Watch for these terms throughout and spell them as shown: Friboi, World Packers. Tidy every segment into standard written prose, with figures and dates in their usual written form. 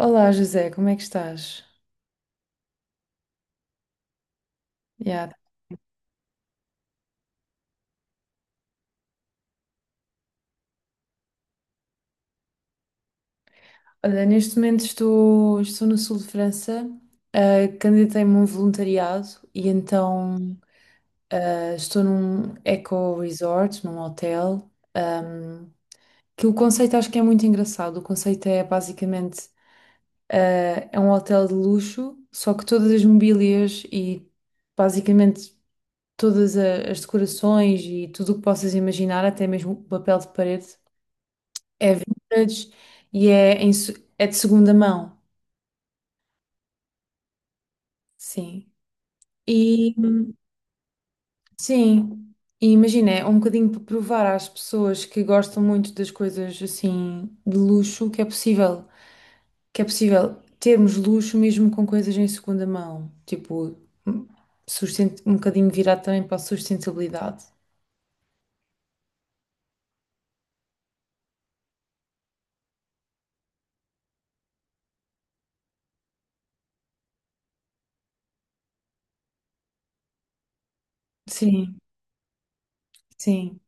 Olá José, como é que estás? Yeah. Olha, neste momento estou no sul de França, candidatei-me a um voluntariado e então estou num eco resort, num hotel, que o conceito acho que é muito engraçado. O conceito é basicamente ah, é um hotel de luxo, só que todas as mobílias e basicamente as decorações e tudo o que possas imaginar, até mesmo o papel de parede, é vintage e é, é de segunda mão, sim. E sim, e imagina, é um bocadinho para provar às pessoas que gostam muito das coisas assim de luxo que é possível termos luxo mesmo com coisas em segunda mão, tipo, hum, um bocadinho virado também para a sustentabilidade. Sim, sim.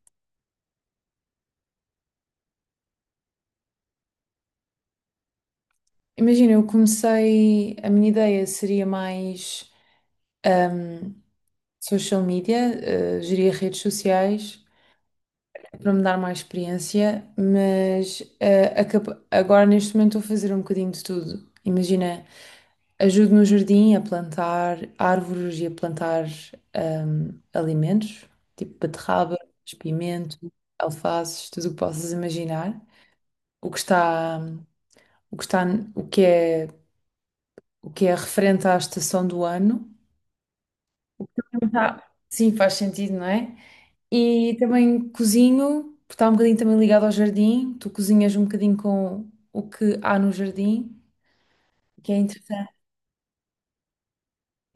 Imagina, eu comecei, a minha ideia seria mais. hum, social media, geria redes sociais é para me dar mais experiência, mas agora neste momento estou a fazer um bocadinho de tudo. Imagina, ajudo no jardim a plantar árvores e a plantar alimentos, tipo beterraba, espimento alfaces, tudo o que possas imaginar. O que está, o que está, o que é, o que é referente à estação do ano. O Sim, faz sentido, não é? E também cozinho, porque está um bocadinho também ligado ao jardim. Tu cozinhas um bocadinho com o que há no jardim, que é interessante.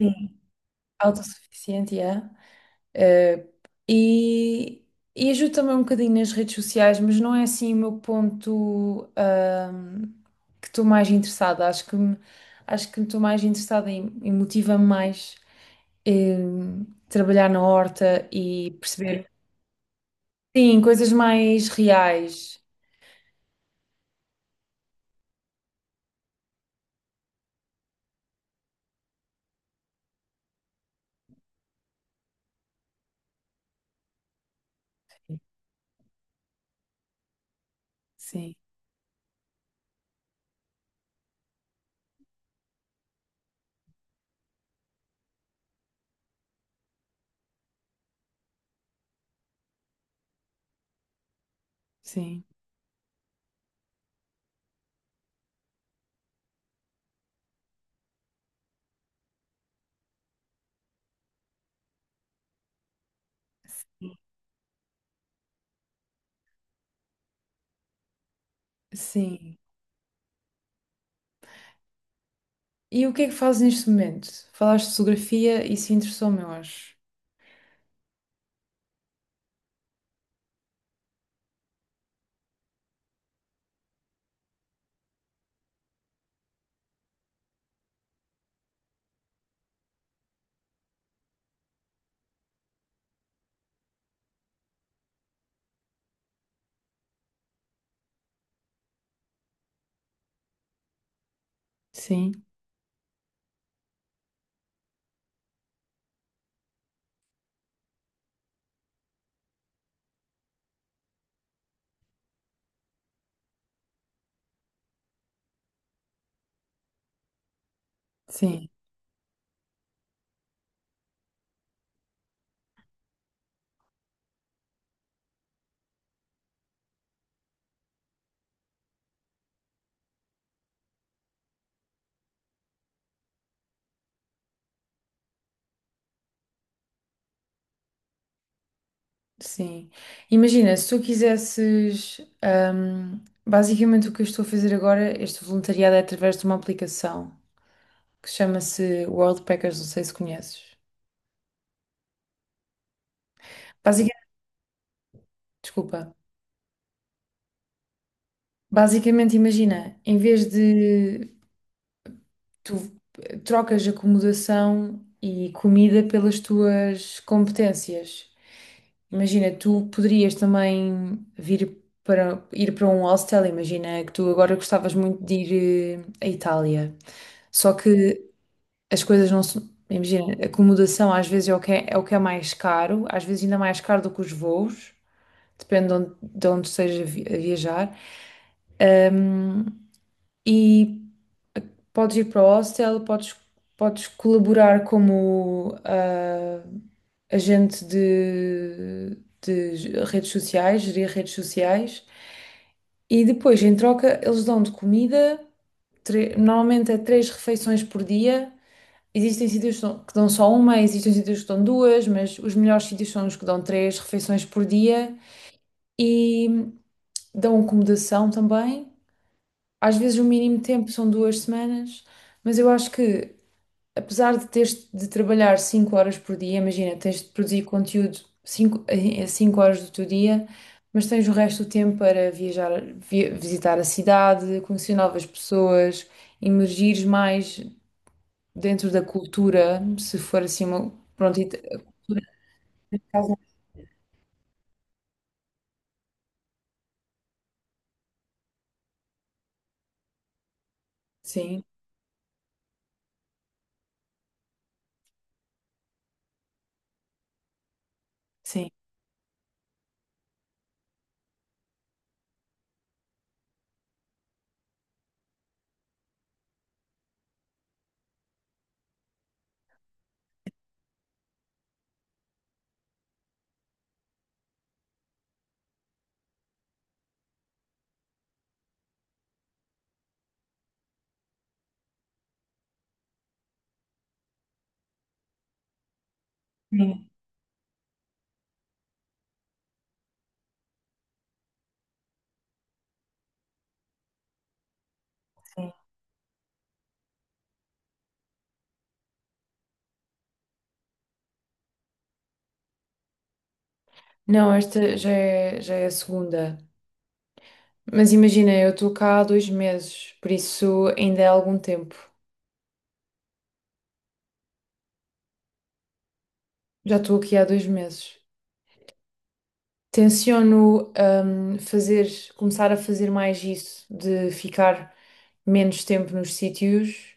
Sim. Autossuficiente, yeah. Eh, e, e ajudo também um bocadinho nas redes sociais, mas não é assim o meu ponto, que estou mais interessada. Acho que estou mais interessada e motiva-me mais em trabalhar na horta e perceber, sim, coisas mais reais. Sim. Sim, sim. E o que é que fazes neste momento? Falaste de fotografia, isso interessou-me, eu acho. Sim, sim, sim. Imagina, se tu quisesses, basicamente o que eu estou a fazer agora, este voluntariado é através de uma aplicação que chama-se World Packers, não sei se conheces. Basicamente, desculpa. Basicamente, imagina, em vez de tu trocas acomodação e comida pelas tuas competências. Imagina, tu poderias também vir para ir para um hostel, imagina que tu agora gostavas muito de ir à Itália. Só que as coisas não são, imagina, acomodação às vezes é o que é, é o que é mais caro, às vezes ainda mais caro do que os voos, depende de onde estejas a viajar. Um, e podes ir para o hostel, podes colaborar como agente de redes sociais, gerir redes sociais. E depois, em troca, eles dão-te comida, normalmente é 3 refeições por dia. Existem sítios que dão só uma, existem sítios que dão duas, mas os melhores sítios são os que dão 3 refeições por dia e dão acomodação também. Às vezes o mínimo tempo são 2 semanas, mas eu acho que apesar de teres de trabalhar 5 horas por dia, imagina, tens de produzir conteúdo 5 a 5 horas do teu dia, mas tens o resto do tempo para viajar, visitar a cidade, conhecer novas pessoas, imergires mais dentro da cultura, se for assim uma. Pronto, caso- sim, sim. Sim. Não, já é a segunda. Mas imagina, eu estou cá há 2 meses, por isso ainda é algum tempo. Já estou aqui há 2 meses. Tenciono, hum, fazer, começar a fazer mais isso, de ficar menos tempo nos sítios,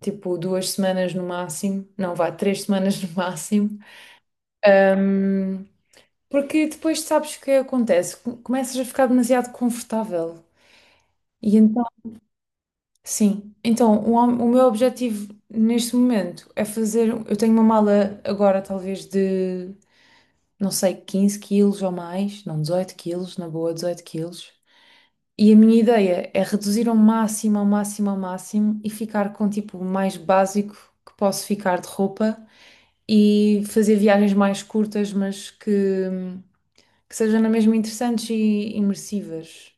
tipo 2 semanas no máximo, não vá, 3 semanas no máximo. Hum, Porque depois sabes o que acontece, começas a ficar demasiado confortável. E então, sim, então o meu objetivo neste momento é fazer, eu tenho uma mala agora talvez de, não sei, 15 quilos ou mais, não, 18 quilos, na boa, 18 quilos. E a minha ideia é reduzir ao máximo, ao máximo, ao máximo e ficar com tipo o mais básico que posso ficar de roupa e fazer viagens mais curtas, mas que sejam na mesma interessantes e imersivas.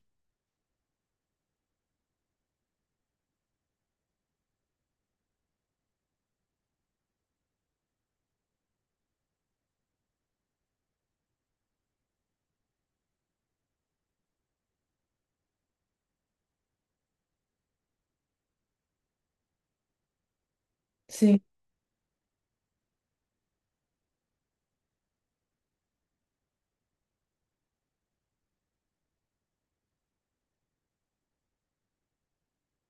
Sim,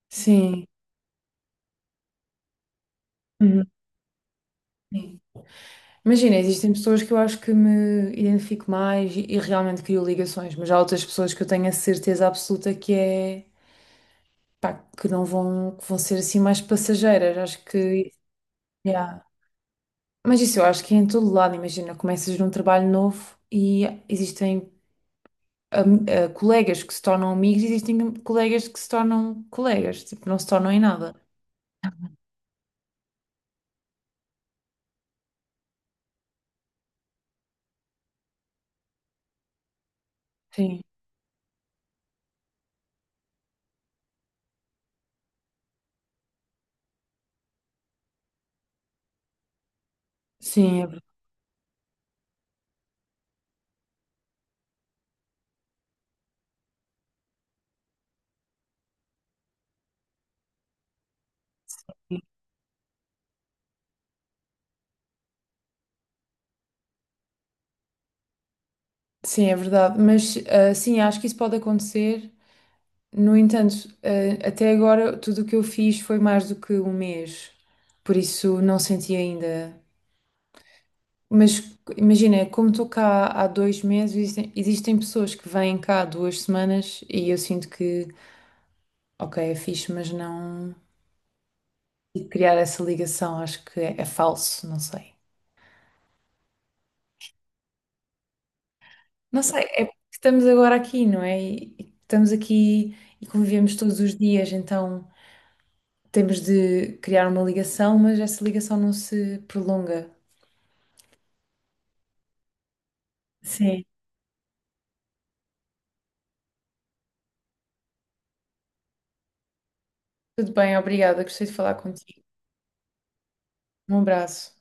sim. Uhum. Sim. Imagina, existem pessoas que eu acho que me identifico mais e realmente crio ligações, mas há outras pessoas que eu tenho a certeza absoluta que é, pá, que não vão, que vão ser assim mais passageiras. Acho que, yeah. Mas isso eu acho que é em todo lado, imagina, começas num trabalho novo e existem colegas que se tornam amigos, e existem colegas que se tornam colegas, tipo, não se tornam em nada. Sim, sim, sim, é verdade. Mas sim, acho que isso pode acontecer. No entanto, até agora tudo o que eu fiz foi mais do que um mês, por isso não senti ainda. Mas imagina, como estou cá há dois meses, existem pessoas que vêm cá há 2 semanas e eu sinto que ok, é fixe, mas não. E criar essa ligação, acho é falso, não sei. Não sei, é porque estamos agora aqui, não é? E estamos aqui e convivemos todos os dias, então temos de criar uma ligação, mas essa ligação não se prolonga. Sim. Tudo bem, obrigada, gostei de falar contigo. Um abraço.